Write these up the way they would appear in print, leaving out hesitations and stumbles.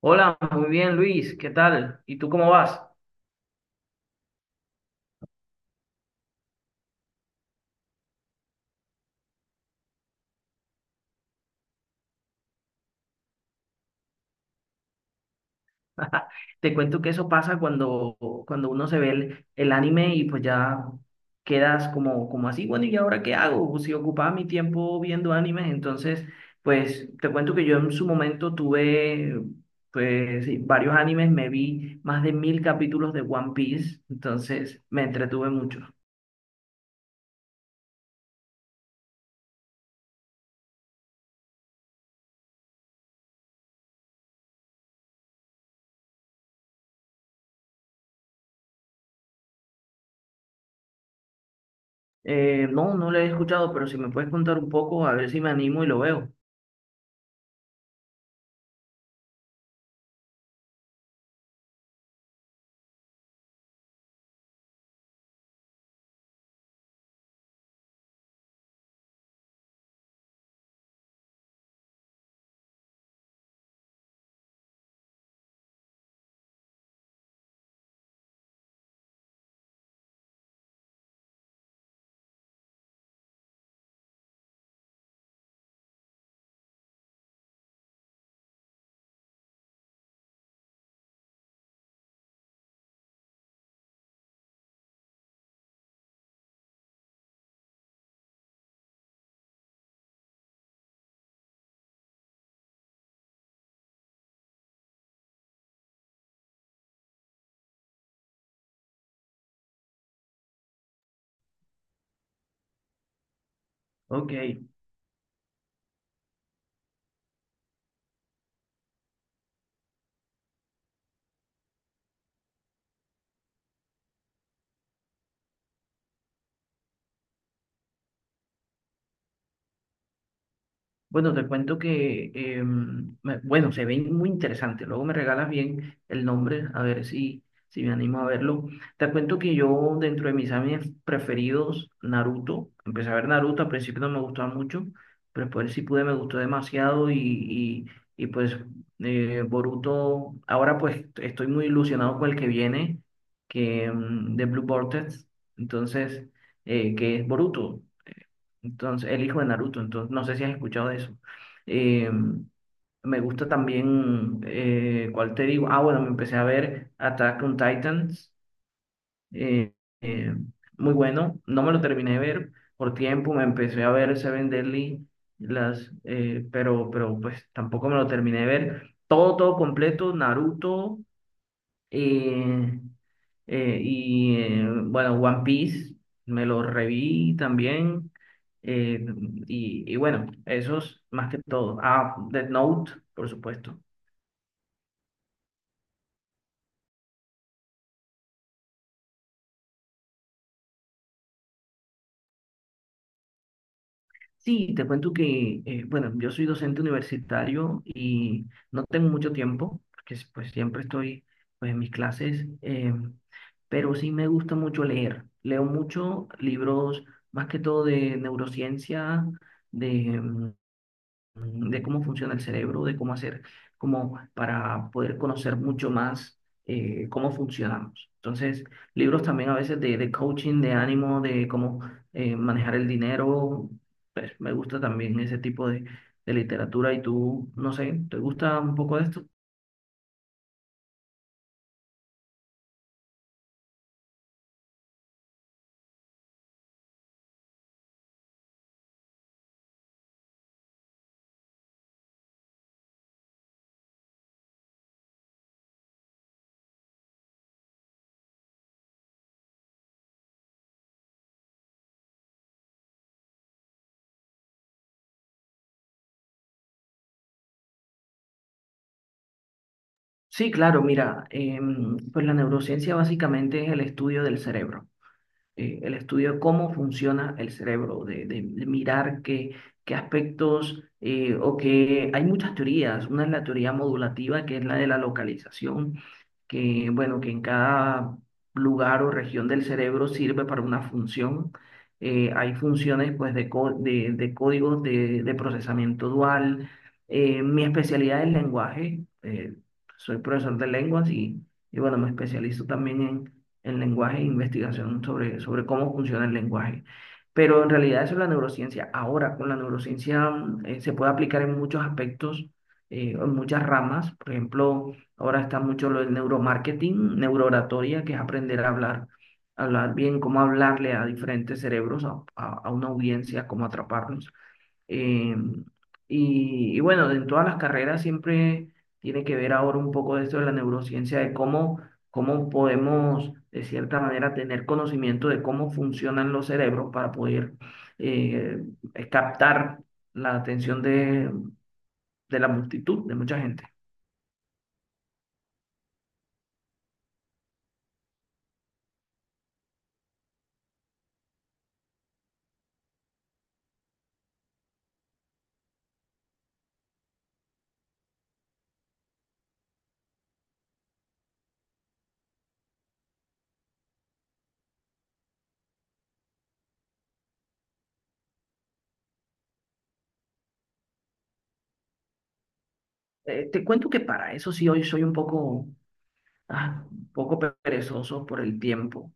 Hola, muy bien Luis, ¿qué tal? ¿Y tú cómo vas? Te cuento que eso pasa cuando uno se ve el anime y pues ya quedas como, como así, bueno, ¿y ahora qué hago? Pues si ocupaba mi tiempo viendo animes, entonces pues te cuento que yo en su momento tuve pues sí, varios animes, me vi más de mil capítulos de One Piece, entonces me entretuve mucho. No, no lo he escuchado, pero si me puedes contar un poco, a ver si me animo y lo veo. Ok. Bueno, te cuento que, bueno, se ven muy interesantes. Luego me regalas bien el nombre, a ver si, si me animo a verlo. Te cuento que yo, dentro de mis animes preferidos, Naruto, empecé a ver Naruto, al principio no me gustaba mucho, pero después sí pude, me gustó demasiado y pues Boruto, ahora pues estoy muy ilusionado con el que viene, que de Blue Vortex, entonces, que es Boruto. Entonces, el hijo de Naruto, entonces, no sé si has escuchado de eso. Eh, Me gusta también, ¿cuál te digo? Ah, bueno, me empecé a ver Attack on Titans, eh, eh, muy bueno, no me lo terminé de ver por tiempo, me empecé a ver Seven Deadly, las, pero, pues tampoco me lo terminé de ver. Todo, todo completo, Naruto, eh, y bueno, One Piece me lo reví también. eh, y bueno, esos más que todo. Ah, Death Note, por supuesto. Sí, te cuento que, bueno, yo soy docente universitario y no tengo mucho tiempo, porque pues siempre estoy pues, en mis clases, pero sí me gusta mucho leer. Leo mucho libros, más que todo de neurociencia, de cómo funciona el cerebro, de cómo hacer, como para poder conocer mucho más cómo funcionamos. Entonces, libros también a veces de coaching, de ánimo, de cómo manejar el dinero, pues me gusta también ese tipo de literatura. Y tú, no sé, ¿te gusta un poco de esto? Sí, claro, mira, pues la neurociencia básicamente es el estudio del cerebro. El estudio de cómo funciona el cerebro, de mirar qué, qué aspectos, o que hay muchas teorías. Una es la teoría modulativa, que es la de la localización, que, bueno, que en cada lugar o región del cerebro sirve para una función. Hay funciones, pues, de códigos de procesamiento dual. Mi especialidad es lenguaje. Soy profesor de lenguas y, bueno, me especializo también en el lenguaje, investigación sobre cómo funciona el lenguaje. Pero en realidad eso es la neurociencia. Ahora, con la neurociencia se puede aplicar en muchos aspectos, en muchas ramas. Por ejemplo, ahora está mucho lo del neuromarketing, neurooratoria, que es aprender a hablar, hablar bien, cómo hablarle a diferentes cerebros, a, a una audiencia, cómo atraparlos. Eh, y bueno, en todas las carreras siempre tiene que ver ahora un poco de esto de la neurociencia, de cómo, cómo podemos, de cierta manera, tener conocimiento de cómo funcionan los cerebros para poder eh, captar la atención de la multitud, de mucha gente. Te cuento que para eso sí hoy soy un poco, ah, un poco perezoso por el tiempo.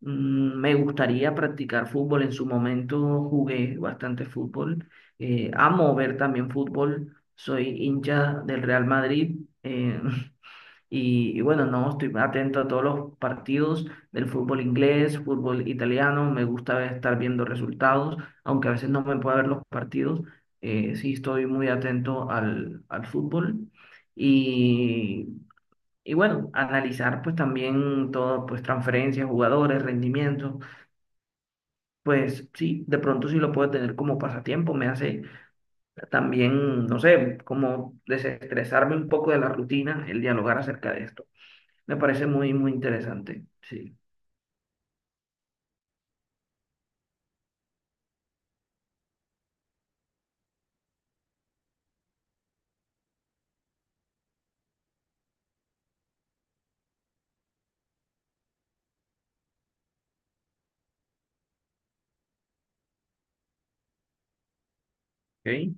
Me gustaría practicar fútbol. En su momento jugué bastante fútbol. Amo ver también fútbol. Soy hincha del Real Madrid. eh, y bueno, no, estoy atento a todos los partidos del fútbol inglés, fútbol italiano. Me gusta estar viendo resultados, aunque a veces no me puedo ver los partidos. Sí, estoy muy atento al, al fútbol. Y, bueno, analizar pues también todo, pues transferencias, jugadores, rendimientos pues sí, de pronto sí lo puedo tener como pasatiempo, me hace también, no sé, como desestresarme un poco de la rutina, el dialogar acerca de esto. Me parece muy, muy interesante, sí. ¿Ok?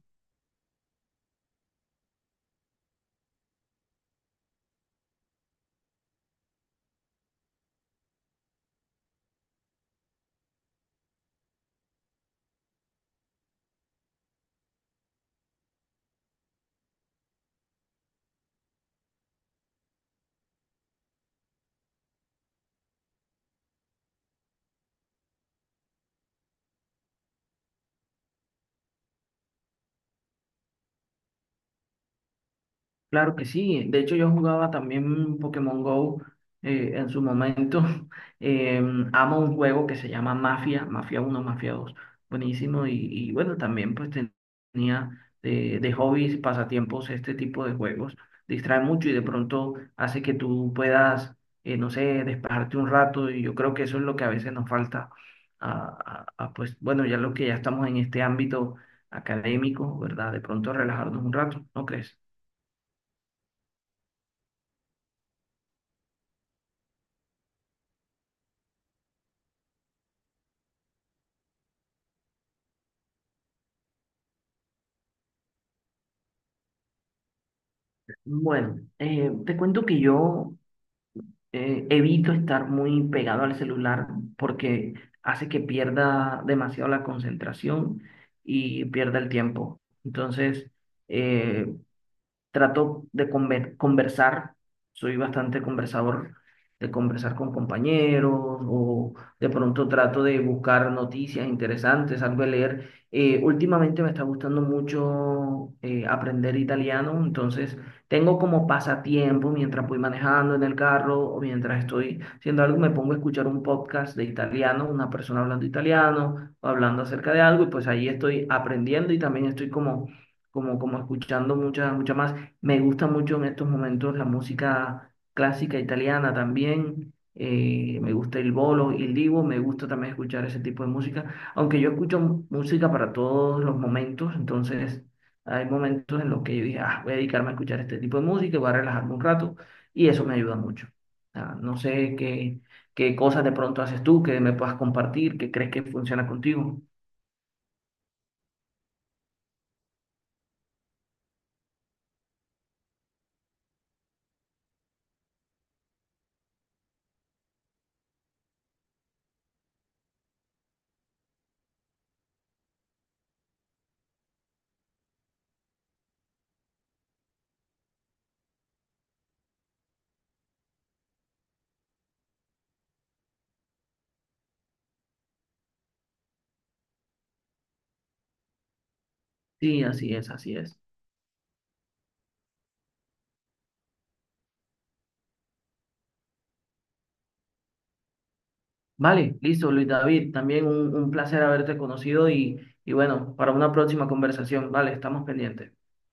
Claro que sí. De hecho, yo jugaba también Pokémon Go en su momento. Eh, Amo un juego que se llama Mafia, Mafia uno Mafia 2 buenísimo. Y bueno, también pues tenía de hobbies, pasatiempos, este tipo de juegos. Distrae mucho y de pronto hace que tú puedas, no sé, despejarte un rato. Y yo creo que eso es lo que a veces nos falta. A, a, pues bueno, ya lo que ya estamos en este ámbito académico, ¿verdad? De pronto relajarnos un rato, ¿no crees? Bueno, te cuento que yo evito estar muy pegado al celular porque hace que pierda demasiado la concentración y pierda el tiempo. Entonces, eh, trato de conversar, soy bastante conversador, de conversar con compañeros o de pronto trato de buscar noticias interesantes, algo de leer. Últimamente me está gustando mucho aprender italiano, entonces tengo como pasatiempo mientras voy manejando en el carro o mientras estoy haciendo algo, me pongo a escuchar un podcast de italiano, una persona hablando italiano o hablando acerca de algo y pues ahí estoy aprendiendo y también estoy como... Como, como escuchando muchas mucha más. Me gusta mucho en estos momentos la música clásica italiana también. Me gusta el bolo y el divo. Me gusta también escuchar ese tipo de música. Aunque yo escucho música para todos los momentos, entonces hay momentos en los que yo dije, ah, voy a dedicarme a escuchar este tipo de música y voy a relajarme un rato. Y eso me ayuda mucho. Ah, no sé qué, qué cosas de pronto haces tú que me puedas compartir, que crees que funciona contigo. Sí, así es, así es. Vale, listo, Luis David, también un placer haberte conocido y bueno, para una próxima conversación, vale, estamos pendientes.